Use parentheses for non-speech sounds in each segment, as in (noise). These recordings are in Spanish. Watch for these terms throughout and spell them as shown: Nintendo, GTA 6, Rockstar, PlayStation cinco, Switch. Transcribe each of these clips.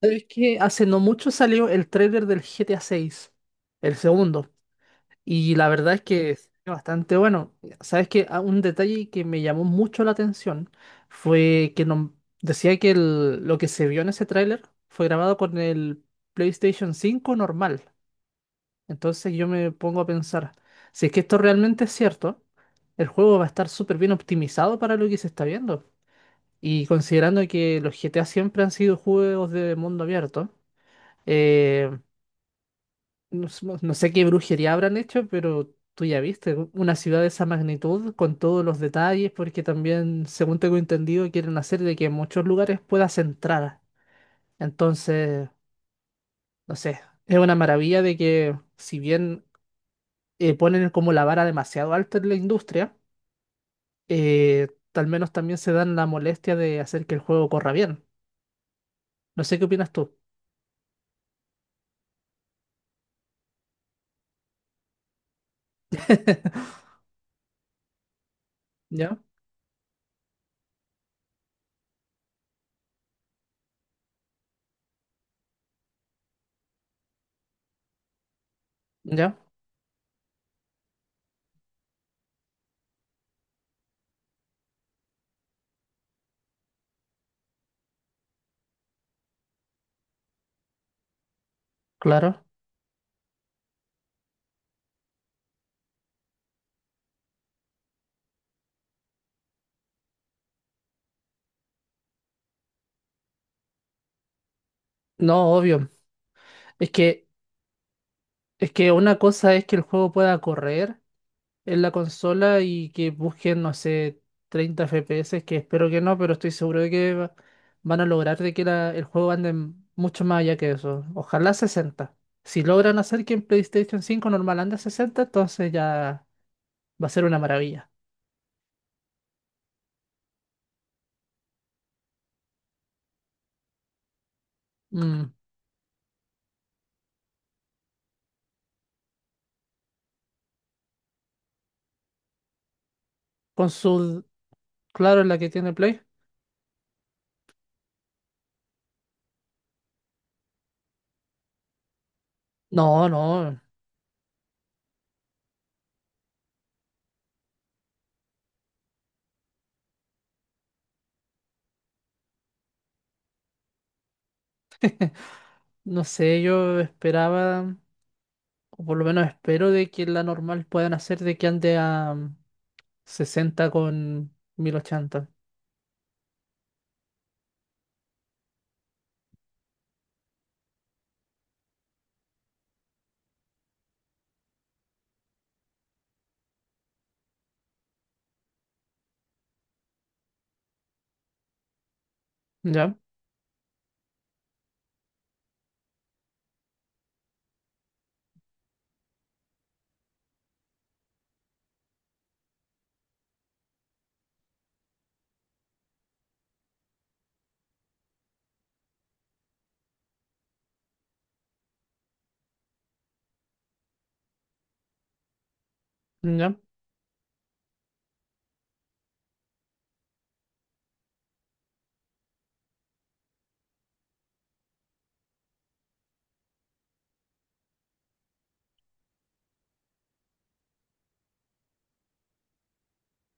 ¿Sabes que hace no mucho salió el trailer del GTA 6, el segundo, y la verdad es que es bastante bueno? ¿Sabes que un detalle que me llamó mucho la atención fue que decía que lo que se vio en ese tráiler fue grabado con el PlayStation cinco normal? Entonces yo me pongo a pensar, si es que esto realmente es cierto, el juego va a estar súper bien optimizado para lo que se está viendo. Y considerando que los GTA siempre han sido juegos de mundo abierto, eh, no, no sé qué brujería habrán hecho, pero tú ya viste, una ciudad de esa magnitud, con todos los detalles, porque también, según tengo entendido, quieren hacer de que en muchos lugares puedas entrar. Entonces, no sé, es una maravilla de que, si bien ponen como la vara demasiado alta en la industria, eh, al menos también se dan la molestia de hacer que el juego corra bien. No sé qué opinas tú. (laughs) ¿Ya? ¿Ya? Claro. No, obvio. Es que, es que una cosa es que el juego pueda correr en la consola y que busquen, no sé, 30 FPS, que espero que no, pero estoy seguro de que van a lograr de que el juego ande mucho más allá que eso. Ojalá sesenta. Si logran hacer que en PlayStation cinco normal ande a 60, entonces ya va a ser una maravilla. Mm, Con su, claro, en la que tiene Play. No, no, no sé, yo esperaba, o por lo menos espero de que la normal puedan hacer de que ande a 60 con 1080. ¿Ya? ¿Ya?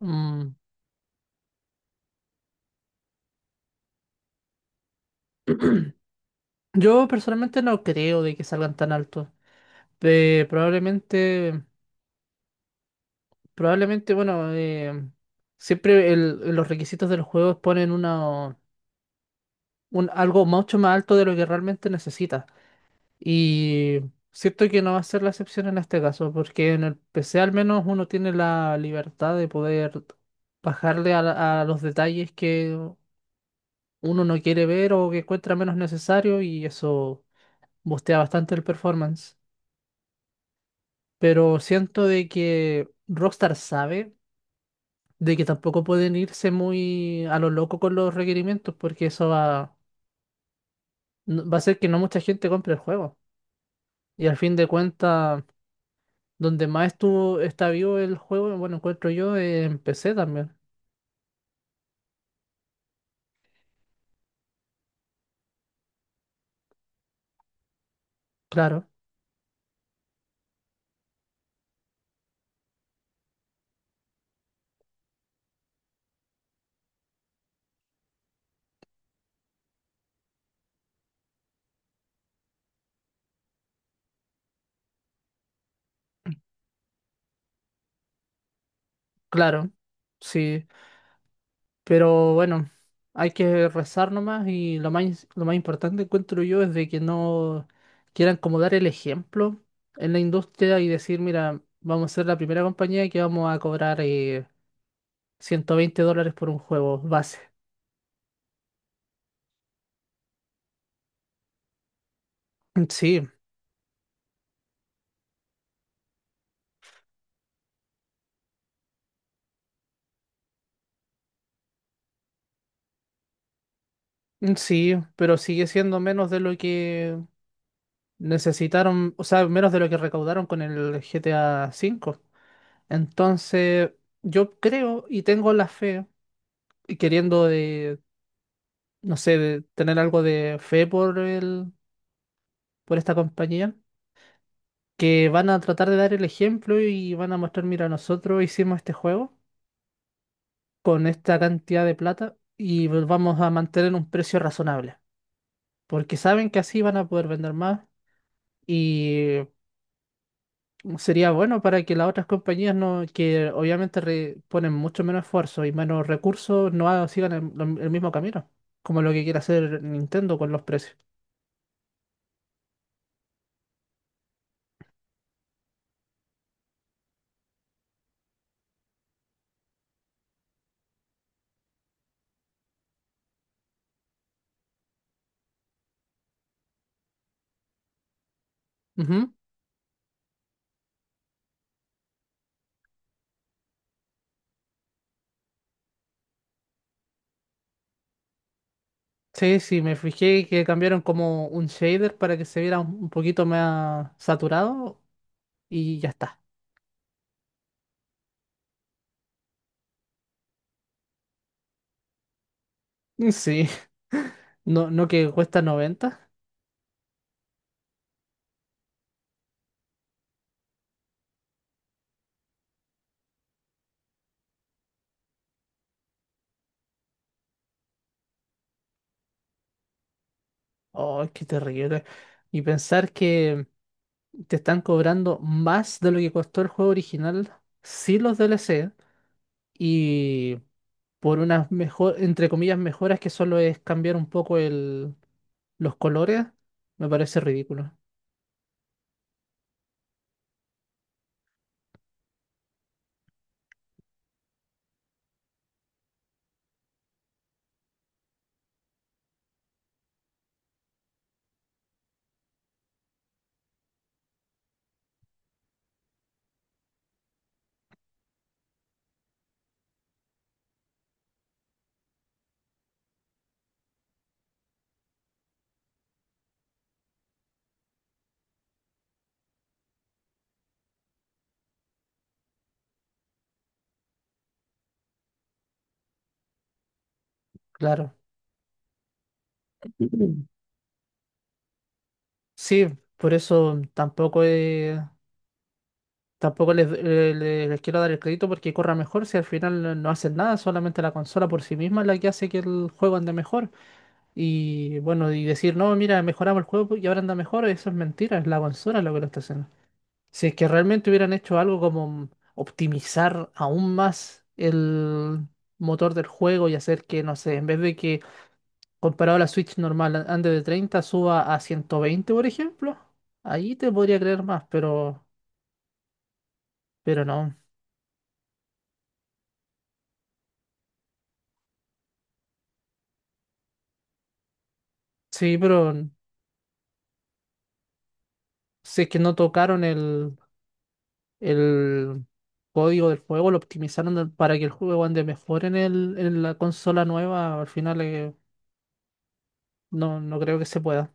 Mm. (clears throat) Yo personalmente no creo de que salgan tan altos. Eh, probablemente, probablemente, bueno, siempre en los requisitos de los juegos ponen algo mucho más alto de lo que realmente necesitas. Y siento que no va a ser la excepción en este caso, porque en el PC al menos uno tiene la libertad de poder bajarle a, a los detalles que uno no quiere ver o que encuentra menos necesario, y eso boostea bastante el performance. Pero siento de que Rockstar sabe de que tampoco pueden irse muy a lo loco con los requerimientos, porque eso va, va a hacer que no mucha gente compre el juego. Y al fin de cuentas, donde más estuvo, está vivo el juego, bueno, encuentro yo, en PC también. Claro, claro, sí. Pero bueno, hay que rezar nomás y lo más importante encuentro yo es de que no quieran como dar el ejemplo en la industria y decir, mira, vamos a ser la primera compañía que vamos a cobrar $120 por un juego base. Mm, sí, mm, sí, pero sigue siendo menos de lo que necesitaron, o sea, menos de lo que recaudaron con el GTA 5. Entonces, yo creo y tengo la fe, y queriendo de, no sé, de tener algo de fe por por esta compañía, que van a tratar de dar el ejemplo y van a mostrar, mira, nosotros hicimos este juego con esta cantidad de plata y vamos a mantener un precio razonable, porque saben que así van a poder vender más, y sería bueno para que las otras compañías no, que obviamente ponen mucho menos esfuerzo y menos recursos, no ha- sigan el mismo camino, como lo que quiere hacer Nintendo con los precios. Sí, sí, me fijé que cambiaron como un shader para que se viera un poquito más saturado y ya está. (laughs) Sí, no, no, que cuesta 90. Oh, qué terrible. Y pensar que te están cobrando más de lo que costó el juego original, sí los DLC, y por unas entre comillas, mejoras que solo es cambiar un poco los colores, me parece ridículo. Claro. (clears throat) Mm. Sí, por eso tampoco es. Tampoco les, les quiero dar el crédito porque corra mejor si al final no hacen nada, solamente la consola por sí misma es la que hace que el juego ande mejor. Y bueno, y decir, no, mira, mejoramos el juego y ahora anda mejor, eso es mentira, es la consola lo que lo está haciendo. Si es que realmente hubieran hecho algo como optimizar aún más el motor del juego y hacer que, no sé, en vez de que, comparado a la Switch normal, ande de 30 suba a 120 por ejemplo, ahí te podría creer más, pero no. Sí, pero... Si es que no tocaron el código del juego, lo optimizaron para que el juego ande mejor en, en la consola nueva, al final no, no creo que se pueda.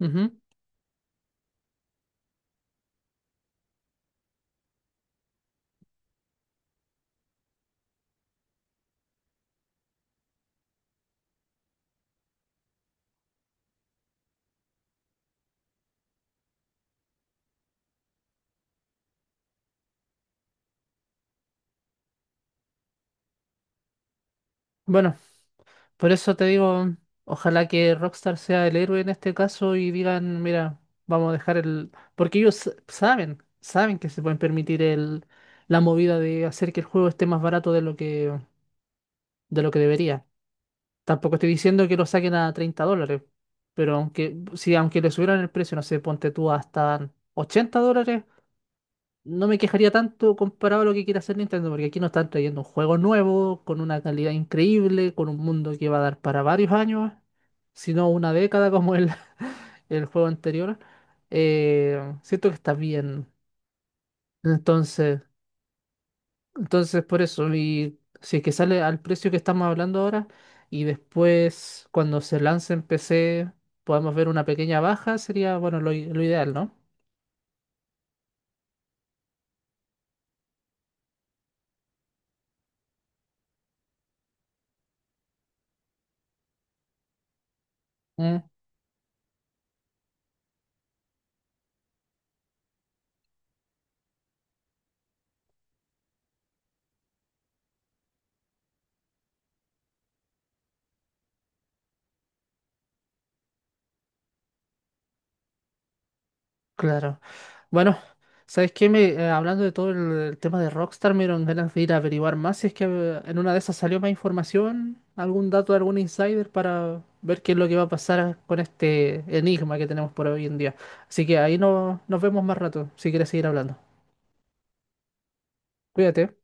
Ujú. Bueno, por eso te digo, ojalá que Rockstar sea el héroe en este caso y digan, mira, vamos a dejar el... Porque ellos saben que se pueden permitir la movida de hacer que el juego esté más barato de lo que debería. Tampoco estoy diciendo que lo saquen a $30, pero aunque, si aunque le subieran el precio, no sé, ponte tú hasta $80, no me quejaría tanto comparado a lo que quiere hacer Nintendo, porque aquí nos están trayendo un juego nuevo, con una calidad increíble, con un mundo que va a dar para varios años, si no una década como (laughs) el juego anterior. Siento que está bien. Entonces... Entonces, por eso, y si es que sale al precio que estamos hablando ahora, y después cuando se lance en PC podamos ver una pequeña baja, sería, bueno, lo ideal, ¿no? Mm, claro. Bueno, ¿sabes qué? Me, hablando de todo el tema de Rockstar, me dieron ganas de ir a averiguar más si es que en una de esas salió más información, algún dato de algún insider para ver qué es lo que va a pasar con este enigma que tenemos por hoy en día. Así que ahí no, nos vemos más rato, si quieres seguir hablando. Cuídate.